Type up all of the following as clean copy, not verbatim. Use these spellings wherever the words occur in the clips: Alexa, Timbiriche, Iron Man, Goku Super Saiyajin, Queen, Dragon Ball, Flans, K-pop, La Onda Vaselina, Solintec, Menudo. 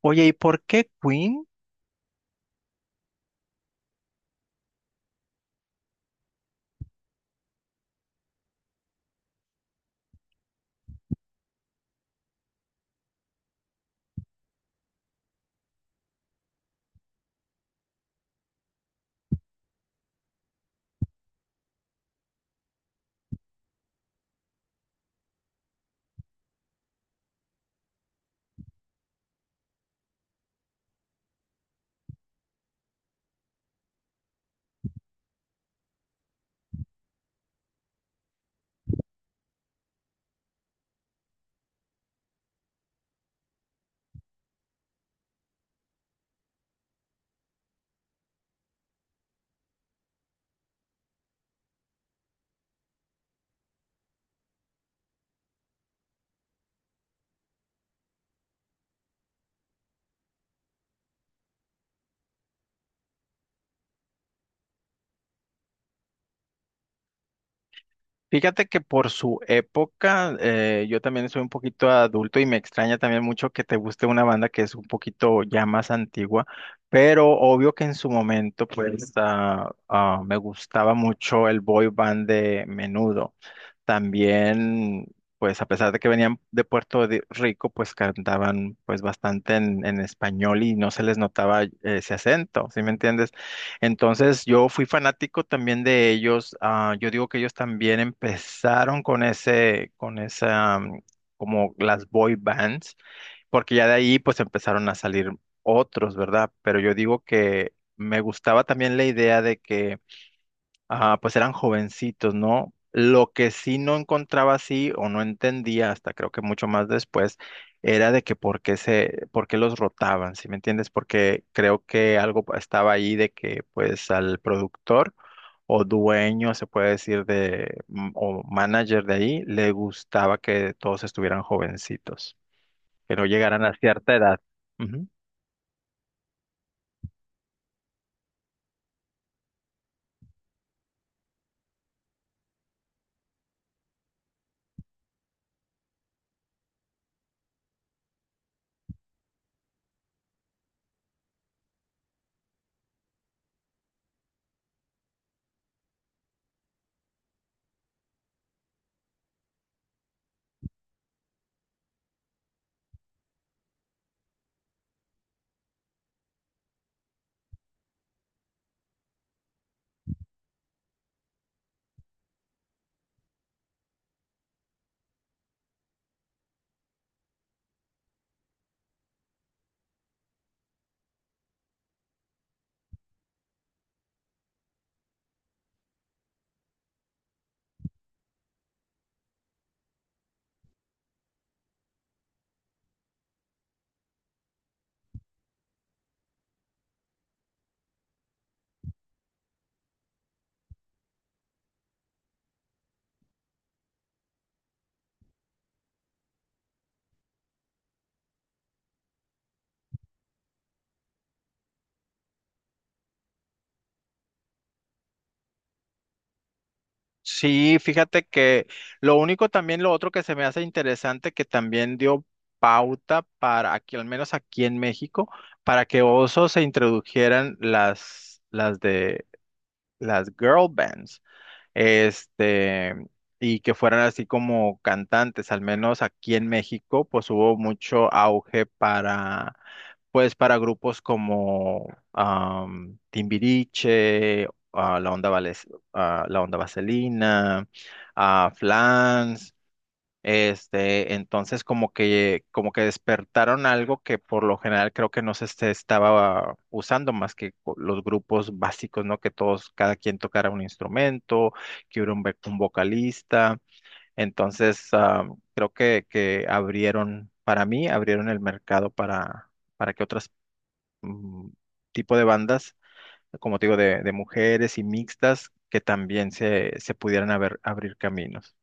Oye, ¿y por qué Queen? Fíjate que por su época, yo también soy un poquito adulto y me extraña también mucho que te guste una banda que es un poquito ya más antigua, pero obvio que en su momento pues me gustaba mucho el boy band de Menudo. También, pues a pesar de que venían de Rico, pues cantaban pues bastante en español y no se les notaba ese acento, ¿sí me entiendes? Entonces yo fui fanático también de ellos. Yo digo que ellos también empezaron con esa, como las boy bands, porque ya de ahí pues empezaron a salir otros, ¿verdad? Pero yo digo que me gustaba también la idea de que. Ajá, pues eran jovencitos, ¿no? Lo que sí no encontraba así o no entendía hasta creo que mucho más después era de que por qué los rotaban, ¿sí me entiendes? Porque creo que algo estaba ahí de que pues al productor o dueño, se puede decir, o manager de ahí, le gustaba que todos estuvieran jovencitos, que no llegaran a cierta edad. Sí, fíjate que lo único también, lo otro que se me hace interesante, que también dio pauta para aquí, al menos aquí en México, para que osos se introdujeran las de las girl bands, este, y que fueran así como cantantes, al menos aquí en México, pues hubo mucho auge para, pues para grupos como Timbiriche, La La Onda Vaselina, Flans, este, entonces como que despertaron algo que por lo general creo que no estaba usando más los grupos básicos, ¿no? Que todos, cada quien tocara un instrumento, que hubiera un vocalista. Entonces, creo que abrieron, para mí, abrieron el mercado para que otras, mm, tipo de bandas, como te digo, de mujeres y mixtas, que también se abrir caminos.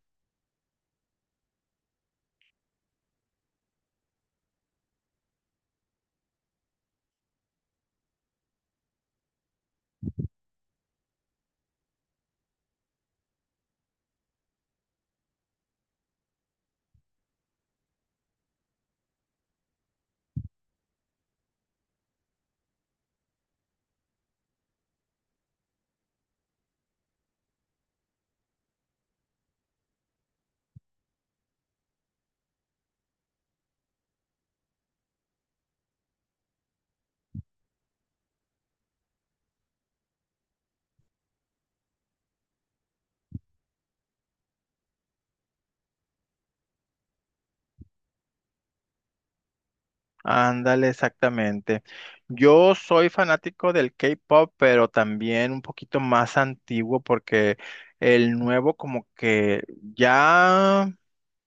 Ándale, exactamente. Yo soy fanático del K-pop, pero también un poquito más antiguo porque el nuevo como que ya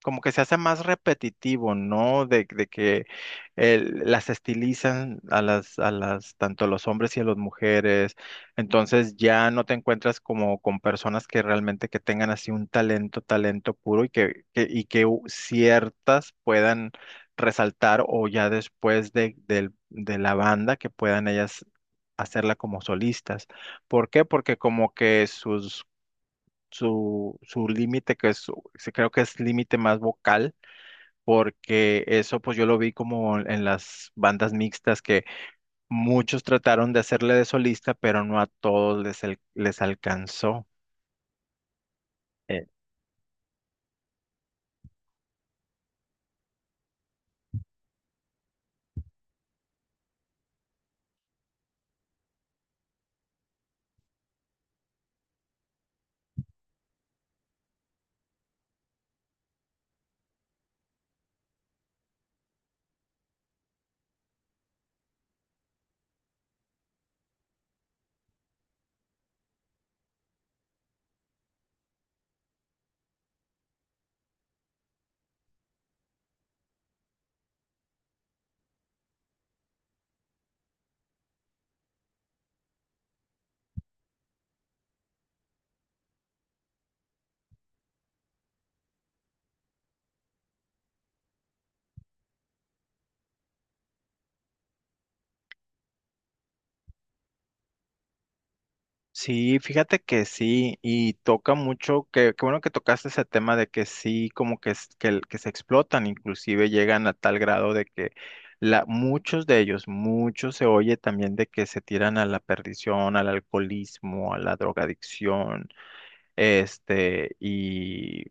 como que se hace más repetitivo, ¿no? De que las estilizan a las, tanto a los hombres y a las mujeres. Entonces ya no te encuentras como con personas que realmente que tengan así un talento, talento puro y ciertas puedan resaltar o ya después de la banda que puedan ellas hacerla como solistas. ¿Por qué? Porque como que sus, su límite, que es, sí creo que es límite más vocal, porque eso pues yo lo vi como en las bandas mixtas que muchos trataron de hacerle de solista, pero no a todos les alcanzó. Sí, fíjate que sí, y toca mucho, qué bueno que tocaste ese tema de que sí, como que, es- que, el- que se explotan, inclusive llegan a tal grado de que la, muchos de ellos, muchos se oye también de que se tiran a la perdición, al alcoholismo, a la drogadicción, este, y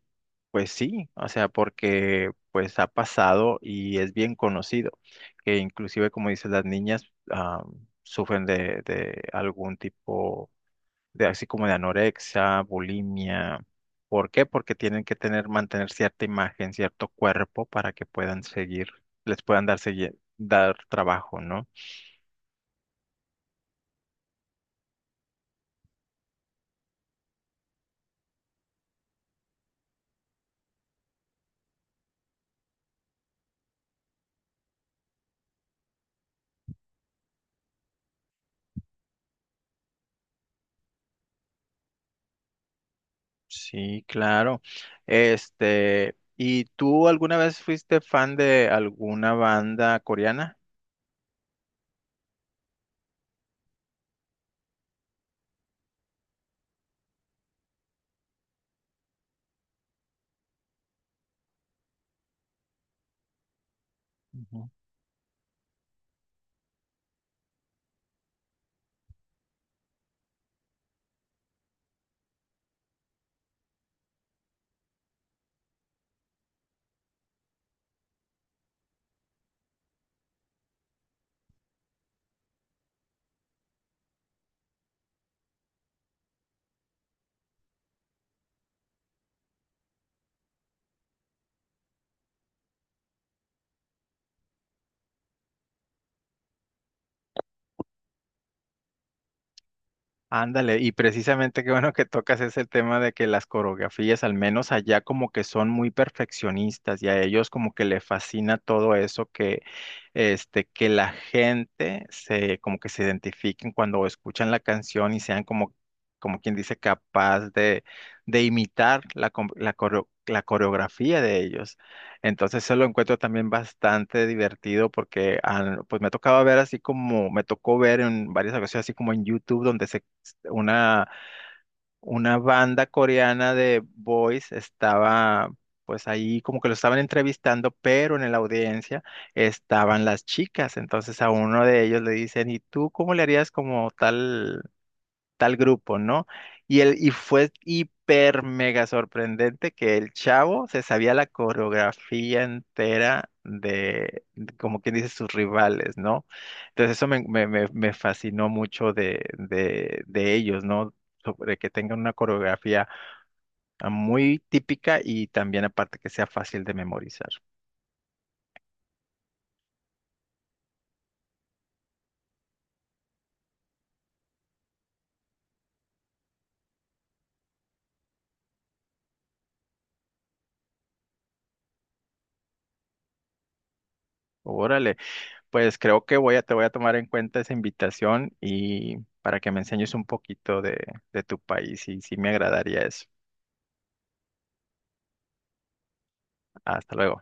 pues sí, o sea, porque pues ha pasado y es bien conocido, que inclusive como dices, las niñas, ah, sufren de algún tipo de así como de anorexia, bulimia. ¿Por qué? Porque tienen que tener, mantener cierta imagen, cierto cuerpo para que puedan seguir, les puedan dar trabajo, ¿no? Sí, claro. Este, ¿y tú alguna vez fuiste fan de alguna banda coreana? Ujú. Ándale, y precisamente qué bueno que tocas ese tema de que las coreografías, al menos allá como que son muy perfeccionistas y a ellos como que le fascina todo eso que, este, que la gente se, como que se identifiquen cuando escuchan la canción y sean como, como quien dice, capaz de imitar la coreografía de ellos. Entonces eso lo encuentro también bastante divertido porque pues me tocaba ver así como, me tocó ver en varias ocasiones así como en YouTube donde se una, una banda coreana de boys estaba, pues ahí como que lo estaban entrevistando, pero en la audiencia estaban las chicas. Entonces a uno de ellos le dicen, ¿y tú cómo le harías como tal? Tal grupo, ¿no? Y fue hiper mega sorprendente que el chavo se sabía la coreografía entera de como quien dice, sus rivales, ¿no? Entonces eso me fascinó mucho de ellos, ¿no? Sobre que tengan una coreografía muy típica y también aparte que sea fácil de memorizar. Órale. Pues creo que te voy a tomar en cuenta esa invitación y para que me enseñes un poquito de tu país y sí me agradaría eso. Hasta luego.